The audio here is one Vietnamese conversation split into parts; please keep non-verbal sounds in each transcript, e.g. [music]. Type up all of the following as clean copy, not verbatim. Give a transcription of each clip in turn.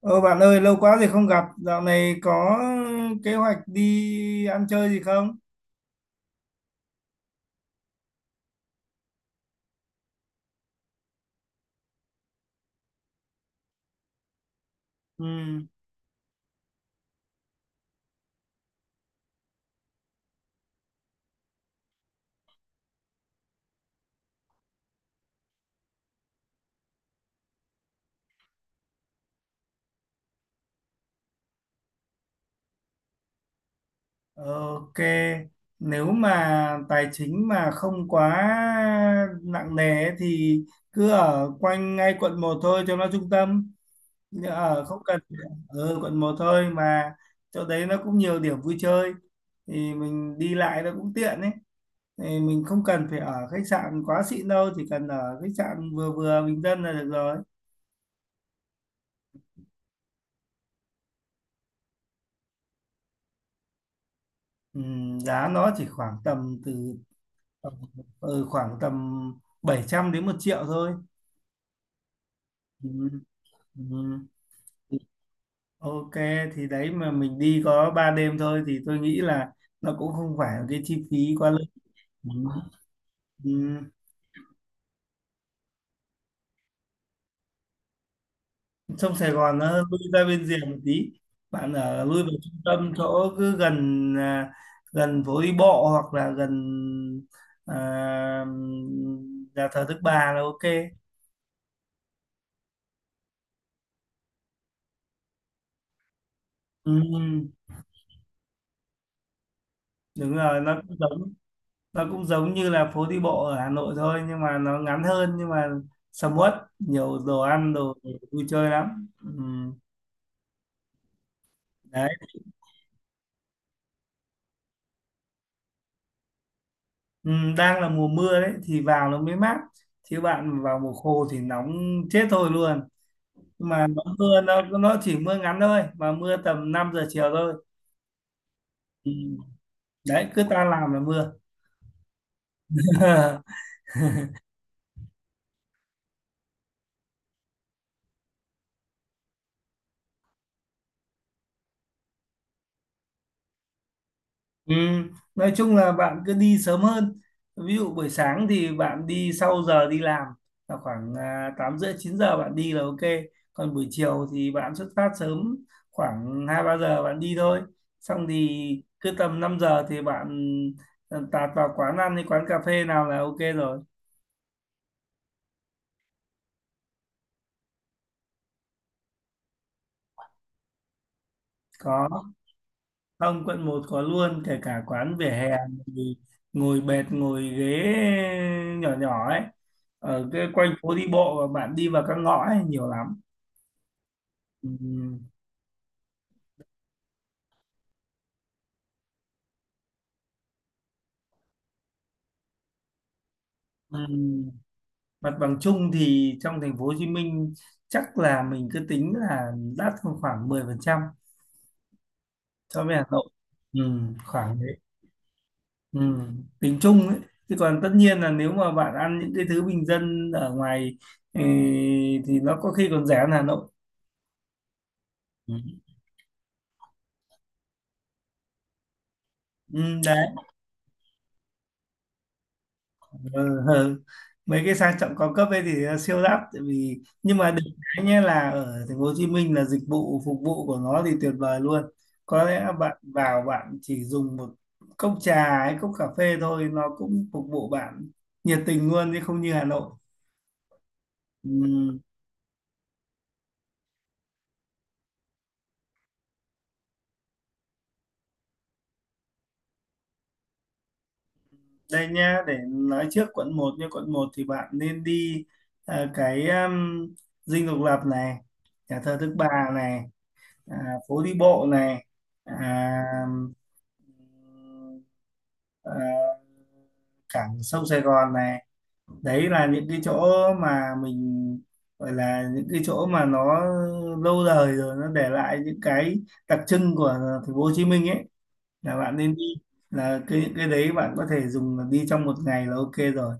Ờ Bạn ơi, lâu quá rồi không gặp. Dạo này có kế hoạch đi ăn chơi gì không? Ừ, ok. Nếu mà tài chính mà không quá nặng nề ấy thì cứ ở quanh ngay quận một thôi cho nó trung tâm. Ở không cần ở quận một thôi mà chỗ đấy nó cũng nhiều điểm vui chơi thì mình đi lại nó cũng tiện ấy. Thì mình không cần phải ở khách sạn quá xịn đâu, chỉ cần ở khách sạn vừa vừa bình dân là được rồi. Giá nó chỉ khoảng tầm từ tầm, khoảng tầm 700 đến 1 triệu thôi. Ừm, ừm. Ok, thì đấy mà mình đi có 3 đêm thôi thì tôi nghĩ là nó cũng không phải là cái chi phí quá lớn. Ừm, Sông Sài Gòn nó hơi lui ra bên rìa một tí. Bạn ở lui vào trung tâm chỗ cứ gần phố đi bộ hoặc là gần à, nhà thờ Đức Bà là ok. Ừm, Đúng rồi, nó cũng giống như là phố đi bộ ở Hà Nội thôi nhưng mà nó ngắn hơn nhưng mà sầm uất, nhiều đồ ăn đồ vui chơi lắm. Đấy. Đang là mùa mưa đấy thì vào nó mới mát chứ bạn vào mùa khô thì nóng chết thôi luôn, nhưng mà nó mưa nó chỉ mưa ngắn thôi mà mưa tầm 5 giờ chiều thôi. Ừm, Đấy, cứ ta làm là mưa. [laughs] Ừ, nói chung là bạn cứ đi sớm hơn. Ví dụ buổi sáng thì bạn đi sau giờ đi làm là khoảng 8 rưỡi chín giờ bạn đi là ok. Còn buổi chiều thì bạn xuất phát sớm khoảng 2 3 giờ bạn đi thôi. Xong thì cứ tầm 5 giờ thì bạn tạt vào quán ăn hay quán cà phê nào là ok rồi. Có, không quận một có luôn, kể cả quán vỉa hè thì ngồi bệt ngồi ghế nhỏ nhỏ ấy, ở cái quanh phố đi bộ và bạn đi vào các ngõ ấy nhiều lắm. Ừm, ừm, mặt bằng chung thì trong thành phố Hồ Chí Minh chắc là mình cứ tính là đắt hơn khoảng 10% so với Hà Nội. Khoảng đấy. Tính chung ấy, chứ còn tất nhiên là nếu mà bạn ăn những cái thứ bình dân ở ngoài, ừ, thì nó có khi còn rẻ hơn Hà Nội. Ừm, Ừ, đấy. Ờ, hờ. Mấy cái sang trọng cao cấp ấy thì nó siêu đắt tại vì, nhưng mà được cái nhé là ở thành phố Hồ Chí Minh là dịch vụ phục vụ của nó thì tuyệt vời luôn. Có lẽ bạn vào bạn chỉ dùng một cốc trà hay cốc cà phê thôi nó cũng phục vụ bạn nhiệt tình luôn chứ không như Hà Nội. Ừm, Đây nhá, để nói trước quận một, như quận một thì bạn nên đi, ờ, cái Dinh Độc Lập này, nhà thờ Đức Bà này, à, phố đi bộ này, à, ờ, ờ, cảng sông Sài Gòn này. Đấy là những cái chỗ mà mình gọi là những cái chỗ mà nó lâu đời rồi, nó để lại những cái đặc trưng của thành phố Hồ Chí Minh ấy là bạn nên đi. Là cái đấy bạn có thể dùng là đi trong một ngày là ok rồi.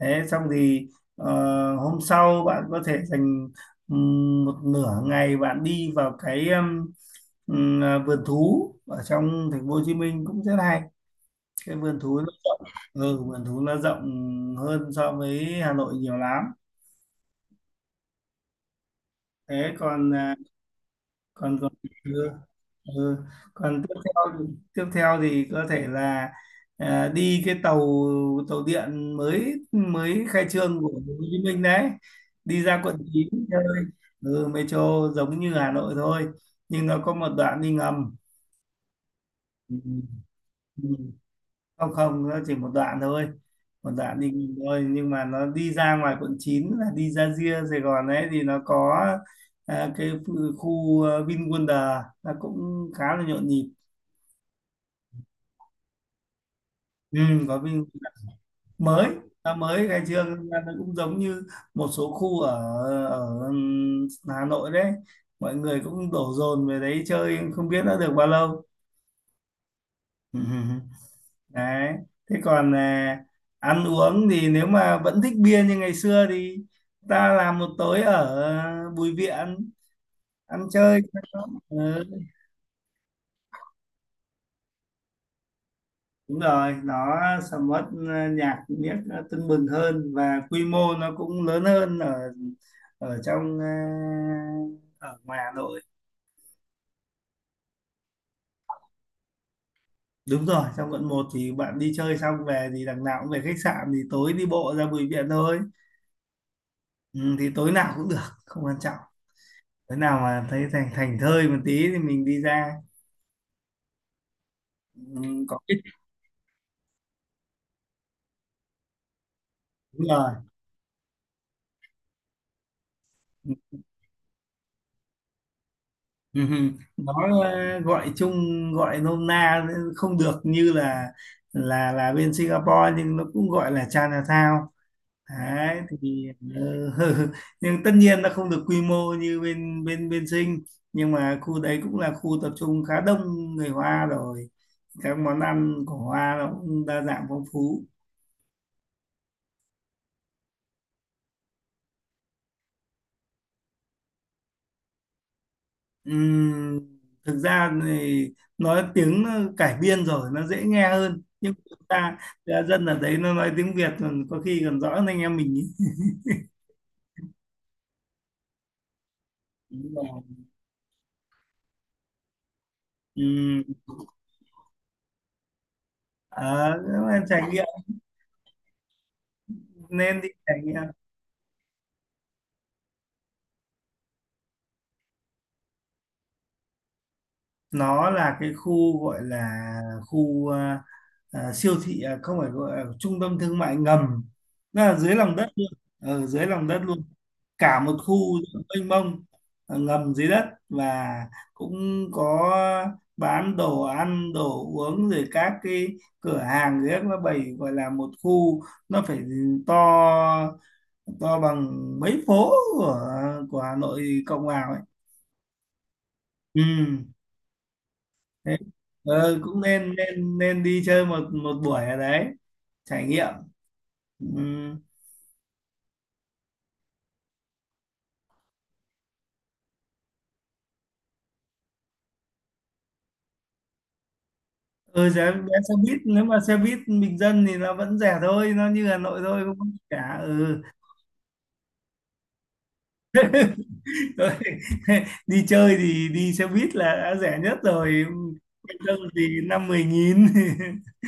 Thế xong thì ờ, hôm sau bạn có thể dành một nửa ngày bạn đi vào cái vườn thú ở trong thành phố Hồ Chí Minh cũng rất hay, cái vườn thú. Ừ, vườn thú nó rộng hơn so với Hà Nội nhiều lắm. Thế còn à, còn còn ừ, ừ. Còn tiếp theo, tiếp theo thì có thể là đi cái tàu tàu điện mới mới khai trương của Hồ Chí Minh đấy, đi ra quận 9 chơi. Ừ, metro giống như Hà Nội thôi nhưng nó có một đoạn đi ngầm. Ừ. Ừ, ừ. Không không, nó chỉ một đoạn thôi, một đoạn đi nghỉ thôi, nhưng mà nó đi ra ngoài quận 9 là đi ra ria Sài Gòn ấy thì nó có khu VinWonder nó cũng khá là nhộn nhịp. Ừ, có Vin mới, nó mới khai trương nên là nó cũng giống như một số khu ở ở Hà Nội đấy, mọi người cũng đổ dồn về đấy chơi không biết đã được bao lâu. [laughs] Đấy, thế còn ăn uống thì nếu mà vẫn thích bia như ngày xưa thì ta làm một tối ở Bùi Viện ăn chơi cho nó- ừ, đúng rồi, nó sẽ mất nhạc miếc tưng bừng hơn và quy mô nó cũng lớn hơn ở ở trong à, ở ngoài Hà Nội. Đúng rồi, trong quận một thì bạn đi chơi xong về thì đằng nào cũng về khách sạn thì tối đi bộ ra Bùi Viện thôi. Ừ, thì tối nào cũng được, không quan trọng. Thế nào mà thấy thành thành thơi một tí thì mình đi ra, ừ, có cái. Đúng rồi. Ừ, ừ, nó gọi chung, gọi nôm na, không được như là là bên Singapore nhưng nó cũng gọi là Chinatown đấy thì, ờ. [laughs] Nhưng tất nhiên nó không được quy mô như bên bên bên Sing, nhưng mà khu đấy cũng là khu tập trung khá đông người Hoa rồi, các món ăn của Hoa nó cũng đa dạng phong phú. Ừm, thực ra thì nói tiếng cải biên rồi nó dễ nghe hơn nhưng chúng ta, ra dân ở đấy nó nói tiếng Việt còn có khi còn rõ hơn anh em mình ý. Đúng rồi. Ừm, ờ, nếu mà trải nghiệm, nên đi trải nghiệm. Nó là cái khu gọi là khu siêu thị không phải, gọi là trung tâm thương mại ngầm, nó là dưới lòng đất luôn, ở dưới lòng đất luôn, cả một khu mênh mông, ngầm dưới đất, và cũng có bán đồ ăn đồ uống rồi các cái cửa hàng dưới nó bày, gọi là một khu nó phải to, to bằng mấy phố của Hà Nội cộng vào ấy. Ừ, thế ờ, cũng nên nên nên đi chơi một một buổi ở đấy trải nghiệm. Ừ. Ừ, giá vé xe buýt, nếu mà xe buýt bình dân thì nó vẫn rẻ thôi, nó như Hà Nội thôi, không có gì cả. Ừ, thôi, [laughs] đi chơi thì đi xe buýt là đã rẻ nhất rồi, bình dân thì 5 10 nghìn. [laughs]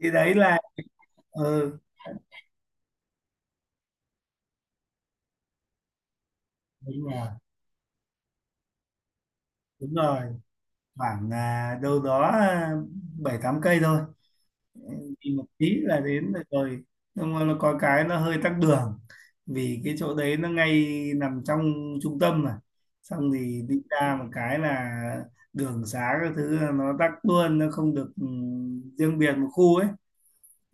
Thì đấy là ừ. Đúng rồi, đúng rồi, khoảng 7 8 cây thôi, đi một tí là đến được rồi. Nhưng mà nó có cái nó hơi tắc đường vì cái chỗ đấy nó ngay nằm trong trung tâm mà, xong thì đi ra một cái là đường xá các thứ là nó tắc luôn, nó không được ừ, riêng biệt một khu ấy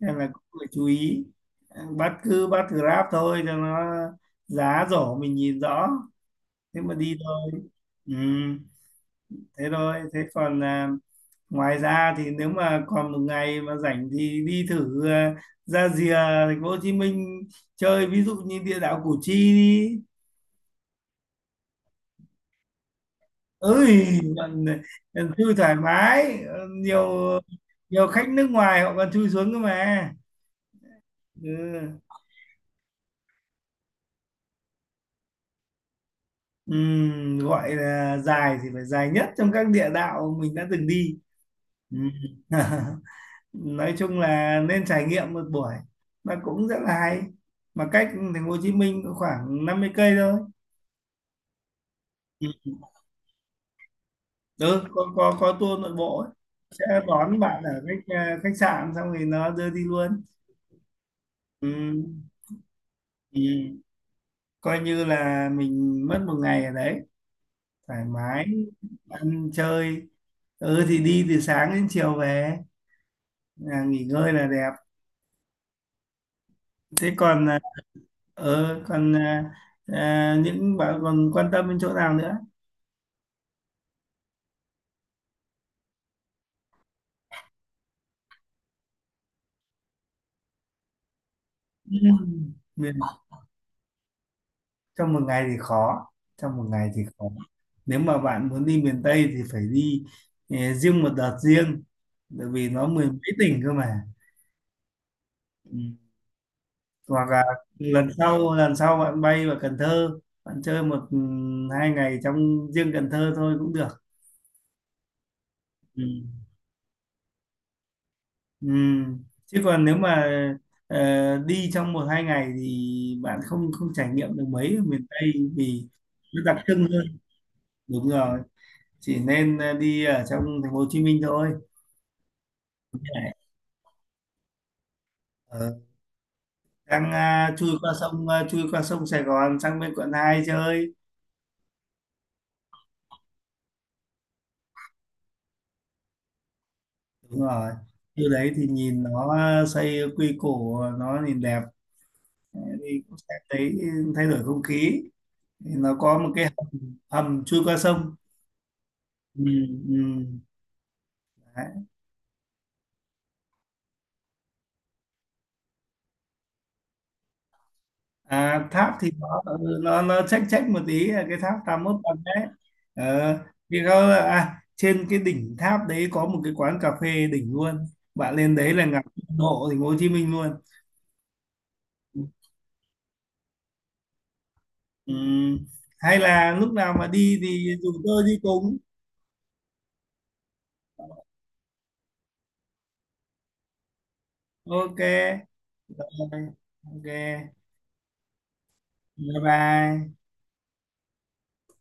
nên là cũng phải chú ý. Ừ, bắt cứ bắt Grab thôi cho nó giá rổ mình nhìn rõ, thế mà đi thôi. Ừ, thế thôi. Thế còn ngoài ra thì nếu mà còn một ngày mà rảnh thì đi thử ra rìa thành phố Hồ Chí Minh chơi, ví dụ như địa đạo Củ Chi đi. Ơi, còn, còn chui thoải mái, nhiều, nhiều khách nước ngoài họ còn chui xuống cơ mà. Ừ. Gọi là dài thì phải dài nhất trong các địa đạo mình đã từng đi. Ừm. [laughs] Nói chung là nên trải nghiệm một buổi, nó cũng rất là hay, mà cách thành phố Hồ Chí Minh có khoảng 50 cây thôi. Ừ. Ừ, có có tour nội bộ ấy. Sẽ đón bạn ở khách sạn xong thì nó đưa đi luôn. Ừ. Ừ. Coi như là mình mất một ngày ở đấy thoải mái ăn chơi. Ừ, thì đi từ sáng đến chiều về nghỉ ngơi là đẹp. Thế còn à, ừ, còn à, à, những bạn còn quan tâm đến chỗ nào nữa. Ừ. Trong một ngày thì khó, trong một ngày thì khó. Nếu mà bạn muốn đi miền Tây thì phải đi riêng một đợt riêng, bởi vì nó mười mấy tỉnh cơ mà. Ừ. Hoặc là lần sau bạn bay vào Cần Thơ, bạn chơi một, ừ, 2 ngày trong riêng Cần Thơ thôi cũng được. Ừ. Ừ. Chứ còn nếu mà đi trong một hai ngày thì bạn không không trải nghiệm được mấy ở miền Tây vì nó đặc trưng hơn. Đúng rồi, chỉ nên đi ở trong thành phố Hồ Chí Minh thôi. Ờ, đang chui qua sông Sài Gòn sang bên quận 2 chơi. Đúng rồi, như đấy thì nhìn nó xây quy củ nó nhìn đẹp thì cũng sẽ thấy thay đổi không khí, thì nó có một cái hầm, hầm chui qua sông. Ừ, ừ. Đấy. À, tháp thì nó nó nó chách chách một tí là cái tháp 81 tầng đấy. Ờ, thì có trên cái đỉnh tháp đấy có một cái quán cà phê đỉnh luôn, bạn lên đấy là ngắm độ thành phố Hồ Chí Minh luôn. Ừ. Hay là lúc nào mà đi thì rủ tôi đi cùng. Ok. Rồi. Ok. Bye bye.